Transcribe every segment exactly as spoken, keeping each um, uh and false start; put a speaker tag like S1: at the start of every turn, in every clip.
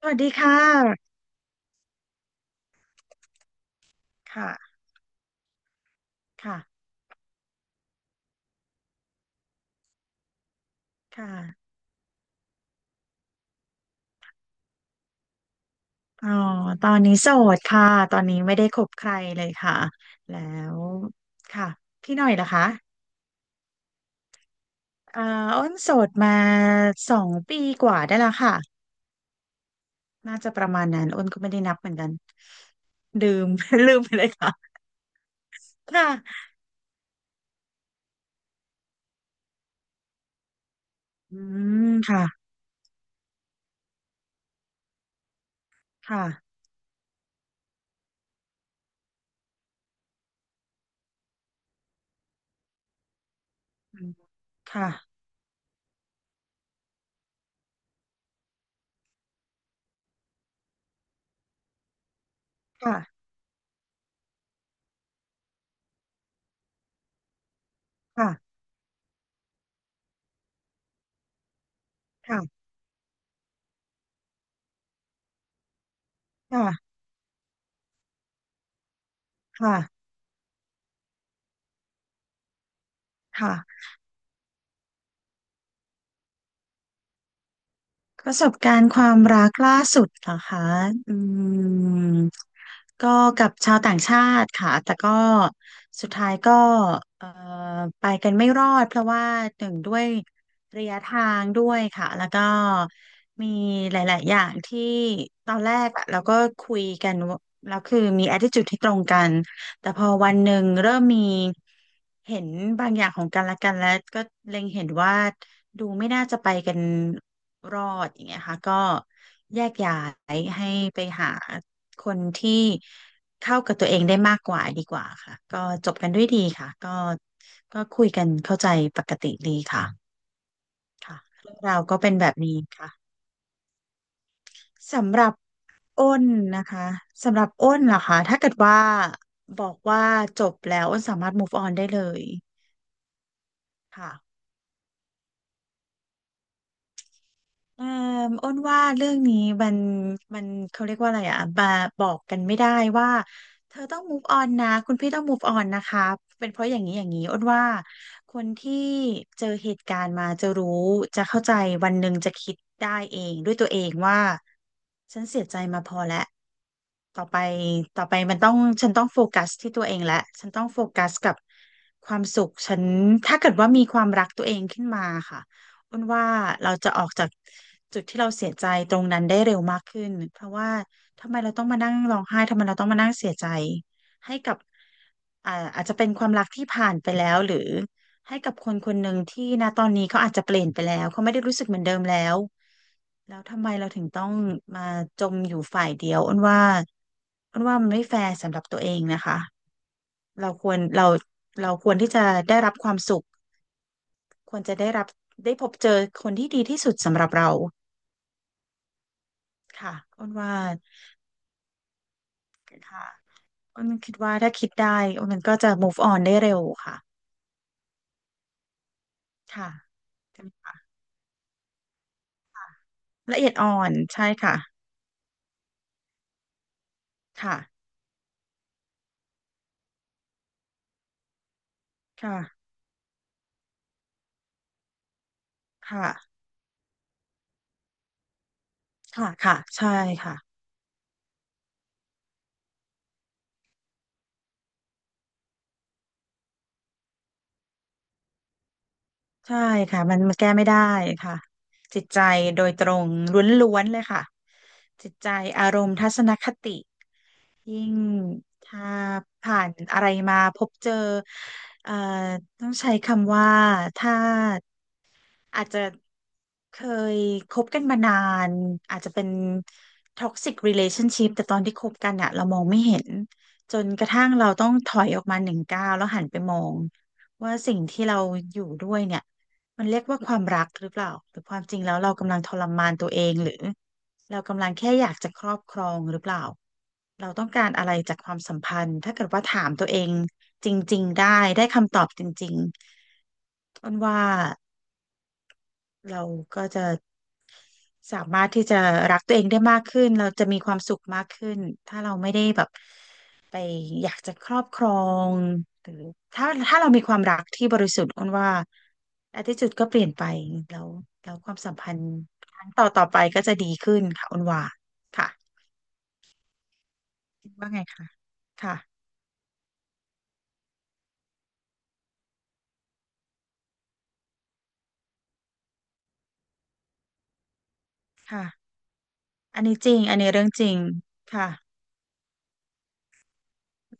S1: สวัสดีค่ะค่ะค่ะค่ะอ๋อตอนนี้โสดค่ะ ตอนนี้ไม่ได้คบใครเลยค่ะ แล้วค่ะพี่หน่อยล่ะคะเอ่ออ้นโสดมาสองปีกว่าได้แล้วค่ะ น่าจะประมาณนั้นอ้นก็ไม่ได้นับเหมือนกันลืม ลืมไปเลยค่ะค่ะอืม ค่ะค่ะอืมค่ะค่ะค่ะค่ะค่ะค่ะค่ะ ประสบการณ์ความรักล่าสุดเหรอคะอืมก็กับชาวต่างชาติค่ะแต่ก็สุดท้ายก็เอ่อไปกันไม่รอดเพราะว่าหนึ่งด้วยระยะทางด้วยค่ะแล้วก็มีหลายๆอย่างที่ตอนแรกอะเราก็คุยกันว่าแล้วคือมี attitude ที่ตรงกันแต่พอวันหนึ่งเริ่มมีเห็นบางอย่างของกันและกันแล้วก็เล็งเห็นว่าดูไม่น่าจะไปกัน รอดอย่างเงี้ยค่ะก็แยกย้ายให้ไปหาคนที่เข้ากับตัวเองได้มากกว่าดีกว่าค่ะก็จบกันด้วยดีค่ะก็ก็คุยกันเข้าใจปกติดีค่ะค่ะเรื่องราวก็เป็นแบบนี้ค่ะสำหรับอ้นนะคะสำหรับอ้นล่ะคะถ้าเกิดว่าบอกว่าจบแล้วอ้นสามารถ move on ได้เลยค่ะ เอ่ออ้นว่าเรื่องนี้มันมันเขาเรียกว่าอะไรอ่ะบาบอกกันไม่ได้ว่าเธอต้อง move on นะคุณพี่ต้อง move on นะคะเป็นเพราะอย่างนี้อย่างนี้อ้นว่าคนที่เจอเหตุการณ์มาจะรู้จะเข้าใจวันหนึ่งจะคิดได้เองด้วยตัวเองว่าฉันเสียใจมาพอแล้วต่อไปต่อไปมันต้องฉันต้องโฟกัสที่ตัวเองและฉันต้องโฟกัสกับความสุขฉันถ้าเกิดว่ามีความรักตัวเองขึ้นมาค่ะ อ้นว่าเราจะออกจากจุดที่เราเสียใจตรงนั้นได้เร็วมากขึ้นเพราะว่าทำไมเราต้องมานั่งร้องไห้ทำไมเราต้องมานั่งเสียใจให้กับอ่าอาจจะเป็นความรักที่ผ่านไปแล้วหรือให้กับคนคนหนึ่งที่ณตอนนี้เขาอาจจะเปลี่ยนไปแล้วเขาไม่ได้รู้สึกเหมือนเดิมแล้วแล้วทำไมเราถึงต้องมาจมอยู่ฝ่ายเดียวอ้นว่าอ้นว่ามันไม่แฟร์สำหรับตัวเองนะคะเราควรเราเราควรที่จะได้รับความสุขควรจะได้รับได้พบเจอคนที่ดีที่สุดสำหรับเรา ค่ะอ้นว่าค่ะอ้นคิดว่าถ้าคิดได้อ้นมันก็จะ move on ได้เร็วค่ะค่ะใช่ไหมคะค่ะละเอียดอ่อนใช่ค่ะค่ะค่ะค่ะค่ะค่ะใช่ค่ะใช่ค่ะมันมันแก้ไม่ได้ค่ะจิตใจโดยตรงล้วนๆเลยค่ะจิตใจอารมณ์ทัศนคติยิ่งถ้าผ่านอะไรมาพบเจอเอ่อต้องใช้คำว่าถ้า อาจจะเคยคบกันมานานอาจจะเป็นท็อกซิก relationship แต่ตอนที่คบกันอะเรามองไม่เห็นจนกระทั่งเราต้องถอยออกมาหนึ่งก้าวแล้วหันไปมองว่าสิ่งที่เราอยู่ด้วยเนี่ยมันเรียกว่าความรักหรือเปล่าหรือความจริงแล้วเรากำลังทรมานตัวเองหรือเรากำลังแค่อยากจะครอบครองหรือเปล่าเราต้องการอะไรจากความสัมพันธ์ถ้าเกิดว่าถามตัวเองจริงๆได้ได้คำตอบจริงๆอ้นว่าเราก็จะ สามารถที่จะรักตัวเองได้มากขึ้น เราจะมีความสุขมากขึ้น ถ้าเราไม่ได้แบบไปอยากจะครอบครองหรือถ้าถ้าเรามีความรักที่บริสุทธิ์อ้นว่า attitude ก็เปลี่ยนไปแล้วแล้วความสัมพันธ์ครั้งต่อต่อไปก็จะดีขึ้นค่ะอ้นว่าค่ะคิดว่าไงคะค่ะค่ะอันนี้จริงอันนี้เรื่องจริงค่ะ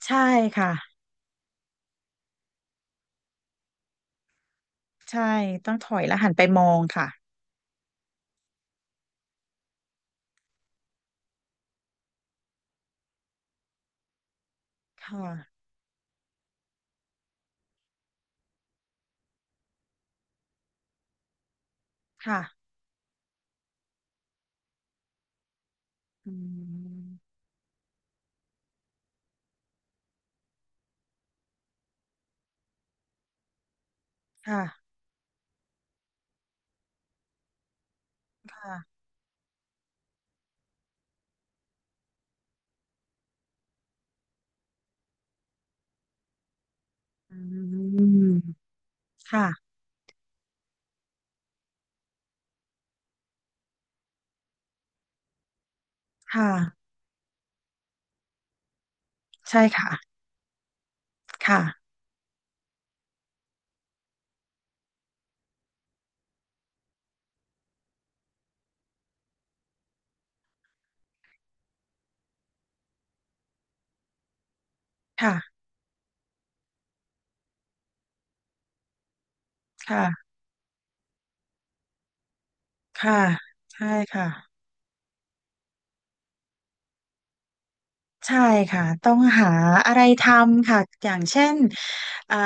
S1: ใช่ค่ะใช่ต้องถอยแล้วหันไปมองค่ะค่ะค่ะอืมค่ะค่ะ อืมค่ะค่ะใช่ค่ะค่ะค่ะค่ะค่ะใช่ค่ะ ใช่ค่ะต้องหาอะไรทำค่ะอย่างเช่นอ่า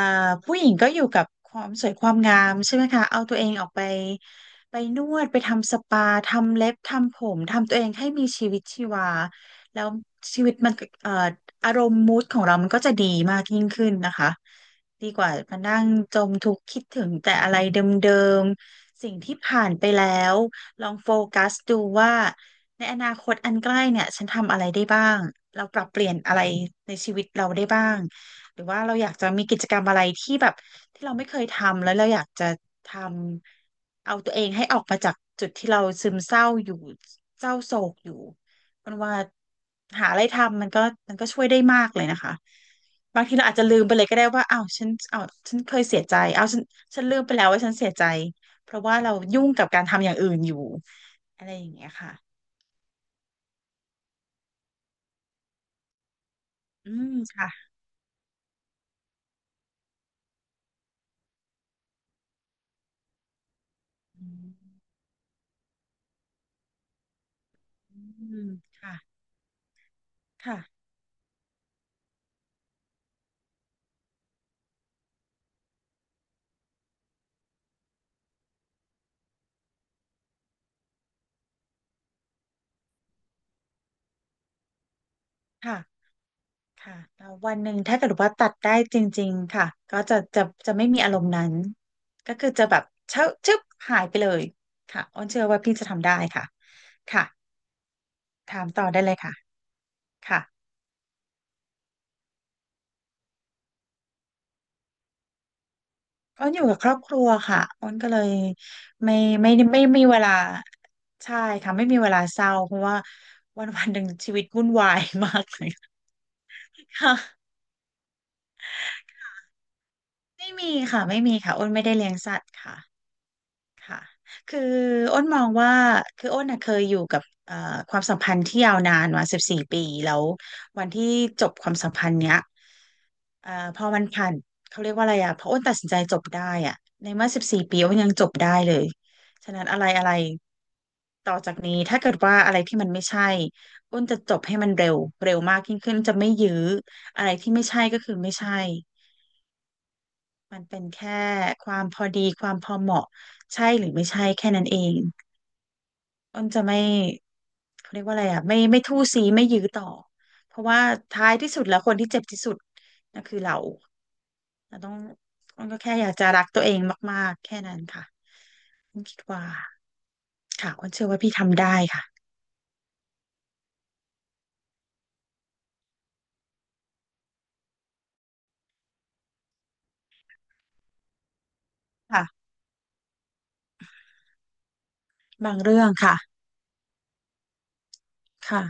S1: ผู้หญิงก็อยู่กับความสวยความงามใช่ไหมคะเอาตัวเองออกไปไปนวดไปทำสปาทำเล็บทำผมทำตัวเองให้มีชีวิตชีวาแล้วชีวิตมันเอ่ออารมณ์มูดของเรามันก็จะดีมากยิ่งขึ้นนะคะดีกว่ามานั่งจมทุกข์คิดถึงแต่อะไรเดิมๆสิ่งที่ผ่านไปแล้วลองโฟกัสดูว่า ในอนาคตอันใกล้เนี่ยฉันทำอะไรได้บ้างเราปรับเปลี่ยนอะไรในชีวิตเราได้บ้างหรือว่าเราอยากจะมีกิจกรรมอะไรที่แบบที่เราไม่เคยทำแล้วเราอยากจะทำเอาตัวเองให้ออกมาจากจุดที่เราซึมเศร้าอยู่เศร้าโศกอยู่มันว่าหาอะไรทำมันก็มันก็ช่วยได้มากเลยนะคะบางทีเราอาจจะลืมไปเลยก็ได้ว่าอ้าวฉันอ้าวฉันเคยเสียใจอ้าวฉันฉันลืมไปแล้วว่าฉันเสียใจเพราะว่าเรายุ่งกับการทำอย่างอื่นอยู่อะไรอย่างเงี้ยค่ะ อืมค่ะอืมค่ะค่ะค่ะค่ะแต่วันหนึ่งถ้าเกิดว่าตัดได้จริงๆค่ะก็จะจะจะไม่มีอารมณ์นั้นก็คือจะแบบเชิบชึบหายไปเลยค่ะอ้นเชื่อว่าพี่จะทำได้ค่ะค่ะถามต่อได้เลยค่ะค่ะอ้นอยู่กับครอบครัวค่ะอ้นก็เลยไม่ไม่ไม่ไม่ไมมีเวลาใช่ค่ะไม่มีเวลาเศร้าเพราะว่าวันวันหนึ่งชีวิตวุ่นวายมากเลยค่ะ ไม่มีค่ะไม่มีค่ะอ้นไม่ได้เลี้ยงสัตว์ค่ะ ค่ะคืออ้นมองว่า คืออ้นน่ะเคยอยู่กับเอ่อความสัมพันธ์ที่ยาวนานมาสิบสี่ปีแล้ววันที่จบความสัมพันธ์เนี้ยเอ่อพอมันผ่านเขาเรียกว่าอะไรอ่ะพออ้นตัดสินใจจบได้อ่ะในเมื่อสิบสี่ปีอ้นยังจบได้เลย ฉะนั้นอะไรอะไรต่อจากนี้ ถ้าเกิดว่าอะไรที่มันไม่ใช่ อ้นจะจบให้มันเร็ว เร็วมากยิ่งขึ้นจะไม่ยื้ออะไรที่ไม่ใช่ก็คือไม่ใช่ มันเป็นแค่ความพอดีความพอเหมาะใช่หรือไม่ใช่แค่นั้นเองอ้นจะไม่เขาเรียกว่าอะไรอ่ะไม่ไม่ทู่ซีไม่ยื้อต่อเพราะว่าท้ายที่สุดแล้วคนที่เจ็บที่สุดนั่นคือเราเราต้องอ้นก็แค่อยากจะรักตัวเองมากๆแค่นั้นค่ะอ้นคิดว่าค่ะอ้นเชื่อว่าพี่ทำได้ค่ะค่ะบางเรื่องค่ะค่ะ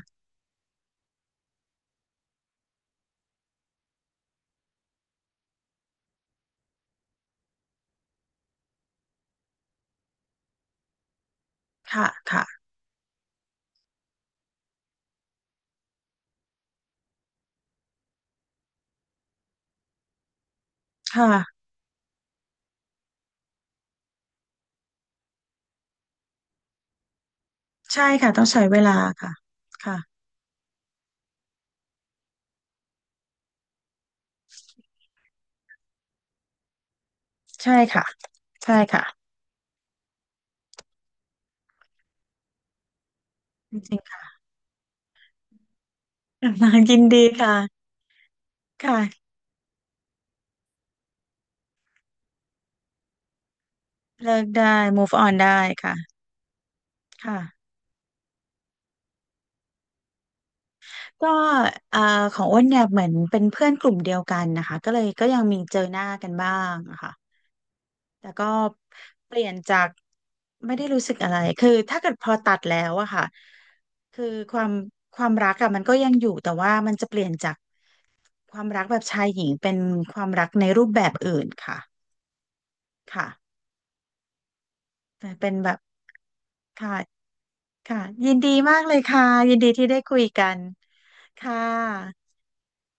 S1: ค่ะค่ะค่ะใช่ค่ะต้องใช้เวลาค่ะค่ะใช่ค่ะใช่ค่ะจริงๆค่ะ ยินดีค่ะค่ะ เลิกได้ มูฟออน ได้ค่ะค่ะก็เอ่อของอ้นเนี่ยเหมือนเป็นเพื่อนกลุ่มเดียวกันนะคะ ก็เลยก็ยังมีเจอหน้ากันบ้างอะค่ะแต่ก็เปลี่ยนจากไม่ได้รู้สึกอะไรคือถ้าเกิดพอตัดแล้วอะค่ะคือความความรักอะมันก็ยังอยู่แต่ว่ามันจะเปลี่ยนจากความรักแบบชายหญิงเป็นความรักในรูปแบบอื่นค่ะค่ะเป็นแบบค่ะ ค่ะยินดีมากเลยค่ะยินดีที่ได้คุยกันค่ะ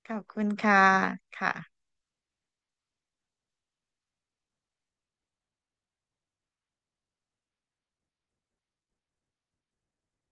S1: ขอบคุณค่ะค่ะ